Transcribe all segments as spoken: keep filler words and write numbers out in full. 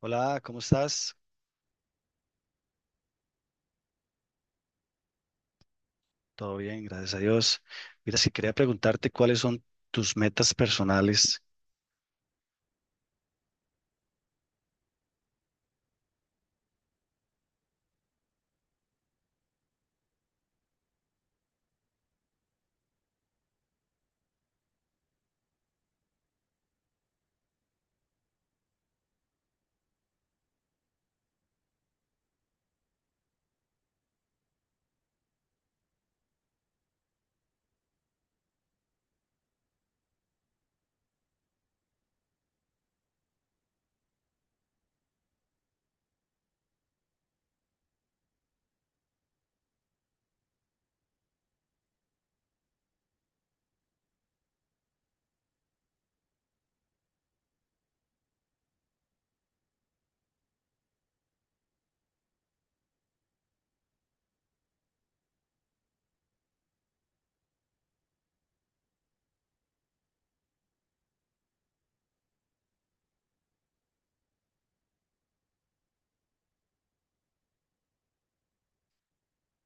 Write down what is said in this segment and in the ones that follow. Hola, ¿cómo estás? Todo bien, gracias a Dios. Mira, si quería preguntarte cuáles son tus metas personales.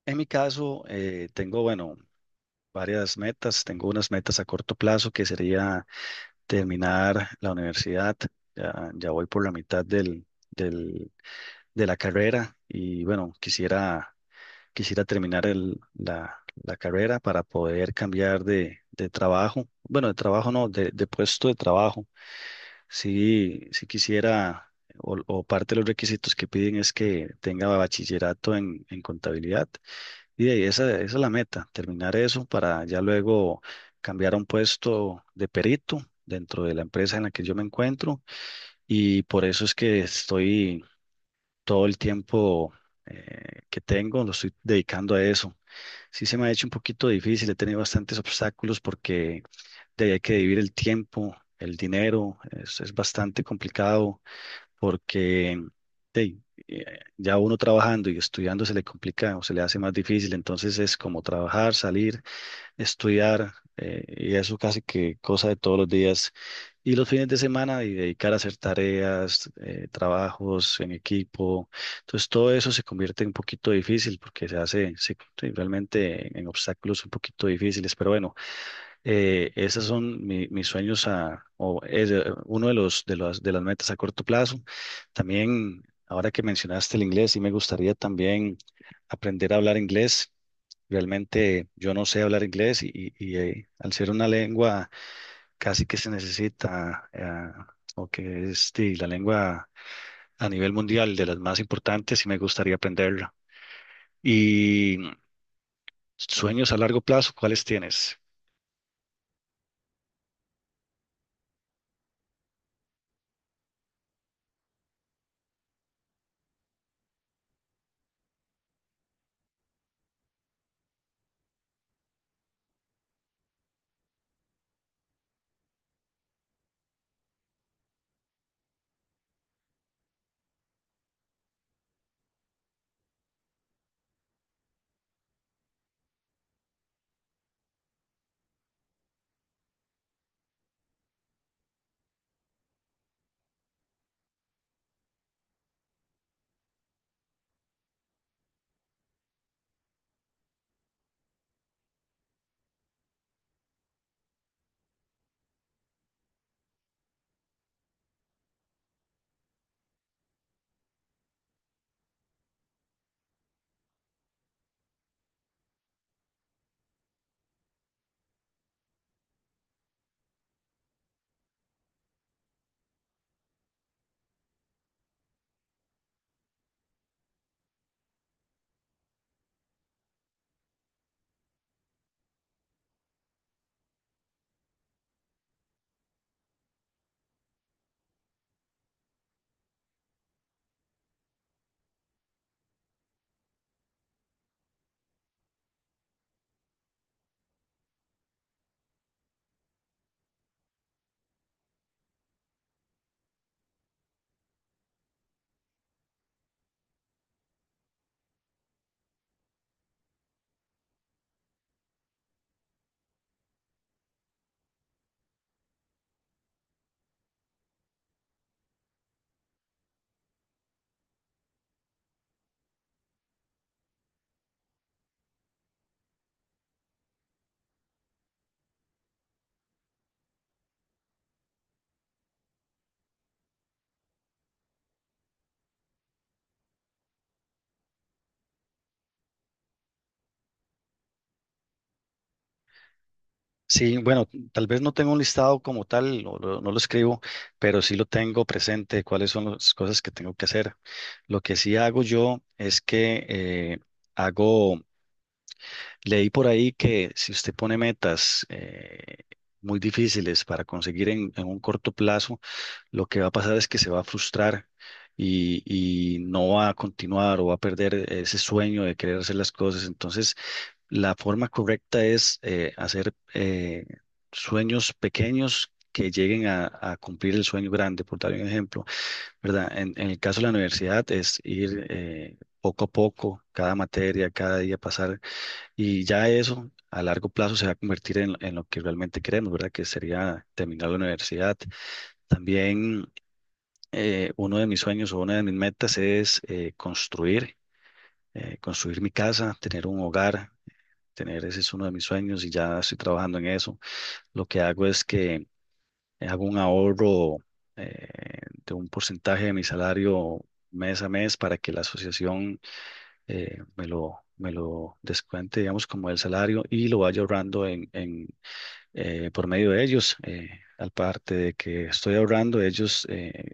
En mi caso, eh, tengo, bueno, varias metas. Tengo unas metas a corto plazo que sería terminar la universidad. Ya, ya voy por la mitad del, del- de la carrera y bueno, quisiera, quisiera terminar el- la, la carrera para poder cambiar de, de trabajo. Bueno, de trabajo no, de de puesto de trabajo. Sí, sí quisiera, o, o parte de los requisitos que piden es que tenga bachillerato en, en contabilidad. Y de ahí esa, esa es la meta, terminar eso para ya luego cambiar a un puesto de perito dentro de la empresa en la que yo me encuentro. Y por eso es que estoy todo el tiempo eh, que tengo lo estoy dedicando a eso. Sí se me ha hecho un poquito difícil, he tenido bastantes obstáculos porque de ahí hay que dividir el tiempo, el dinero, es, es bastante complicado porque de ahí, eh, ya uno trabajando y estudiando se le complica o se le hace más difícil, entonces es como trabajar, salir, estudiar, eh, y eso casi que cosa de todos los días. Y los fines de semana y dedicar a hacer tareas, eh, trabajos en equipo. Entonces todo eso se convierte en un poquito difícil porque se hace sí, sí, realmente en obstáculos un poquito difíciles. Pero bueno, eh, esos son mi- mis sueños a, o es eh, uno de los, de las, de las metas a corto plazo. También, ahora que mencionaste el inglés, sí me gustaría también aprender a hablar inglés. Realmente yo no sé hablar inglés y, y- y, eh, al ser una lengua casi que se necesita, eh, o que es sí, la lengua a nivel mundial de las más importantes, y me gustaría aprenderla. Y mm, sueños a largo plazo, ¿cuáles tienes? Sí, bueno, tal vez no tengo un listado como tal, o lo- no lo escribo, pero sí lo tengo presente, cuáles son las cosas que tengo que hacer. Lo que sí hago yo es que eh, hago. Leí por ahí que si usted pone metas eh, muy difíciles para conseguir en, en un corto plazo, lo que va a pasar es que se va a frustrar y, y no va a continuar o va a perder ese sueño de querer hacer las cosas. Entonces, la forma correcta es eh, hacer eh, sueños pequeños, que lleguen a, a cumplir el sueño grande, por dar un ejemplo, ¿verdad? En, en el caso de la universidad es ir eh, poco a poco, cada materia, cada día pasar, y ya eso a largo plazo se va a convertir en, en lo que realmente queremos, ¿verdad? Que sería terminar la universidad. También eh, uno de mis sueños o una de mis metas es eh, construir, eh, construir mi casa, tener un hogar, tener ese es uno de mis sueños y ya estoy trabajando en eso. Lo que hago es que hago un ahorro, eh, de un porcentaje de mi salario mes a mes para que la asociación eh, me lo, me lo descuente, digamos, como el salario y lo vaya ahorrando en, en eh, por medio de ellos. Eh, al parte de que estoy ahorrando, ellos eh,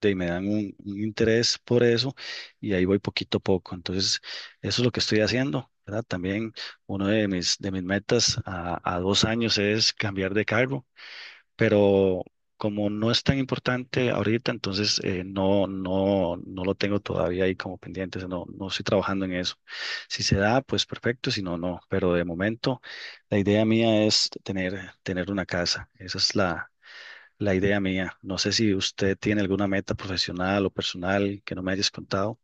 de- me dan un, un interés por eso y ahí voy poquito a poco. Entonces, eso es lo que estoy haciendo, ¿verdad? También uno de mis, de mis metas a, a dos años es cambiar de cargo, pero como no es tan importante ahorita, entonces eh, no, no, no lo tengo todavía ahí como pendiente, o sea, no, no estoy trabajando en eso. Si se da, pues perfecto, si no, no, pero de momento la idea mía es tener, tener una casa, esa es la, la idea mía. No sé si usted tiene alguna meta profesional o personal que no me hayas contado.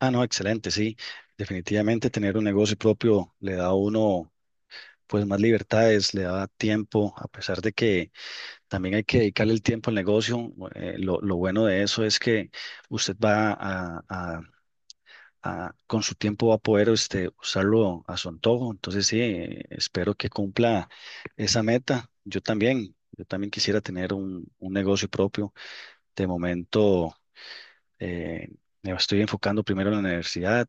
Ah, no, excelente, sí. Definitivamente tener un negocio propio le da a uno pues más libertades, le da tiempo, a pesar de que también hay que dedicarle el tiempo al negocio. eh, lo, lo bueno de eso es que usted va a, a- a- con su tiempo va a poder este, usarlo a su antojo. Entonces, sí, eh, espero que cumpla esa meta. Yo también, yo también quisiera tener un, un negocio propio. De momento. Eh, me estoy enfocando primero en la universidad,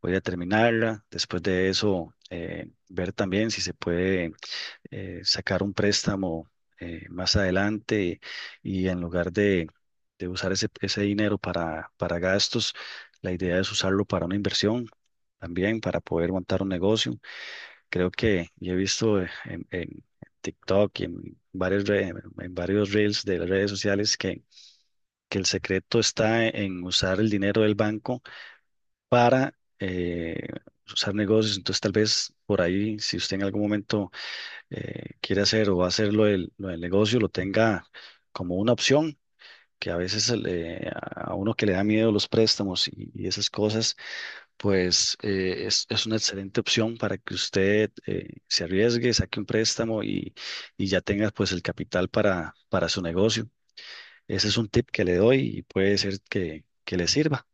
voy a terminarla, después de eso eh, ver también si se puede eh, sacar un préstamo eh, más adelante y, en lugar de, de usar ese, ese dinero para, para gastos, la idea es usarlo para una inversión también, para poder montar un negocio. Creo que yo he visto eh, en, en TikTok y en varios re- en varios reels de las redes sociales que que el secreto está en usar el dinero del banco para eh, usar negocios. Entonces, tal vez por ahí, si usted en algún momento eh, quiere hacer o va a hacer lo del, lo del negocio, lo tenga como una opción, que a veces el, eh, a uno que le da miedo los préstamos y, y esas cosas, pues eh, es, es una excelente opción para que usted eh, se arriesgue, saque un préstamo y, y ya tenga pues el capital para, para su negocio. Ese es un tip que le doy y puede ser que, que le sirva.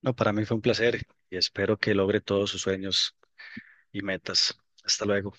No, para mí fue un placer y espero que logre todos sus sueños y metas. Hasta luego.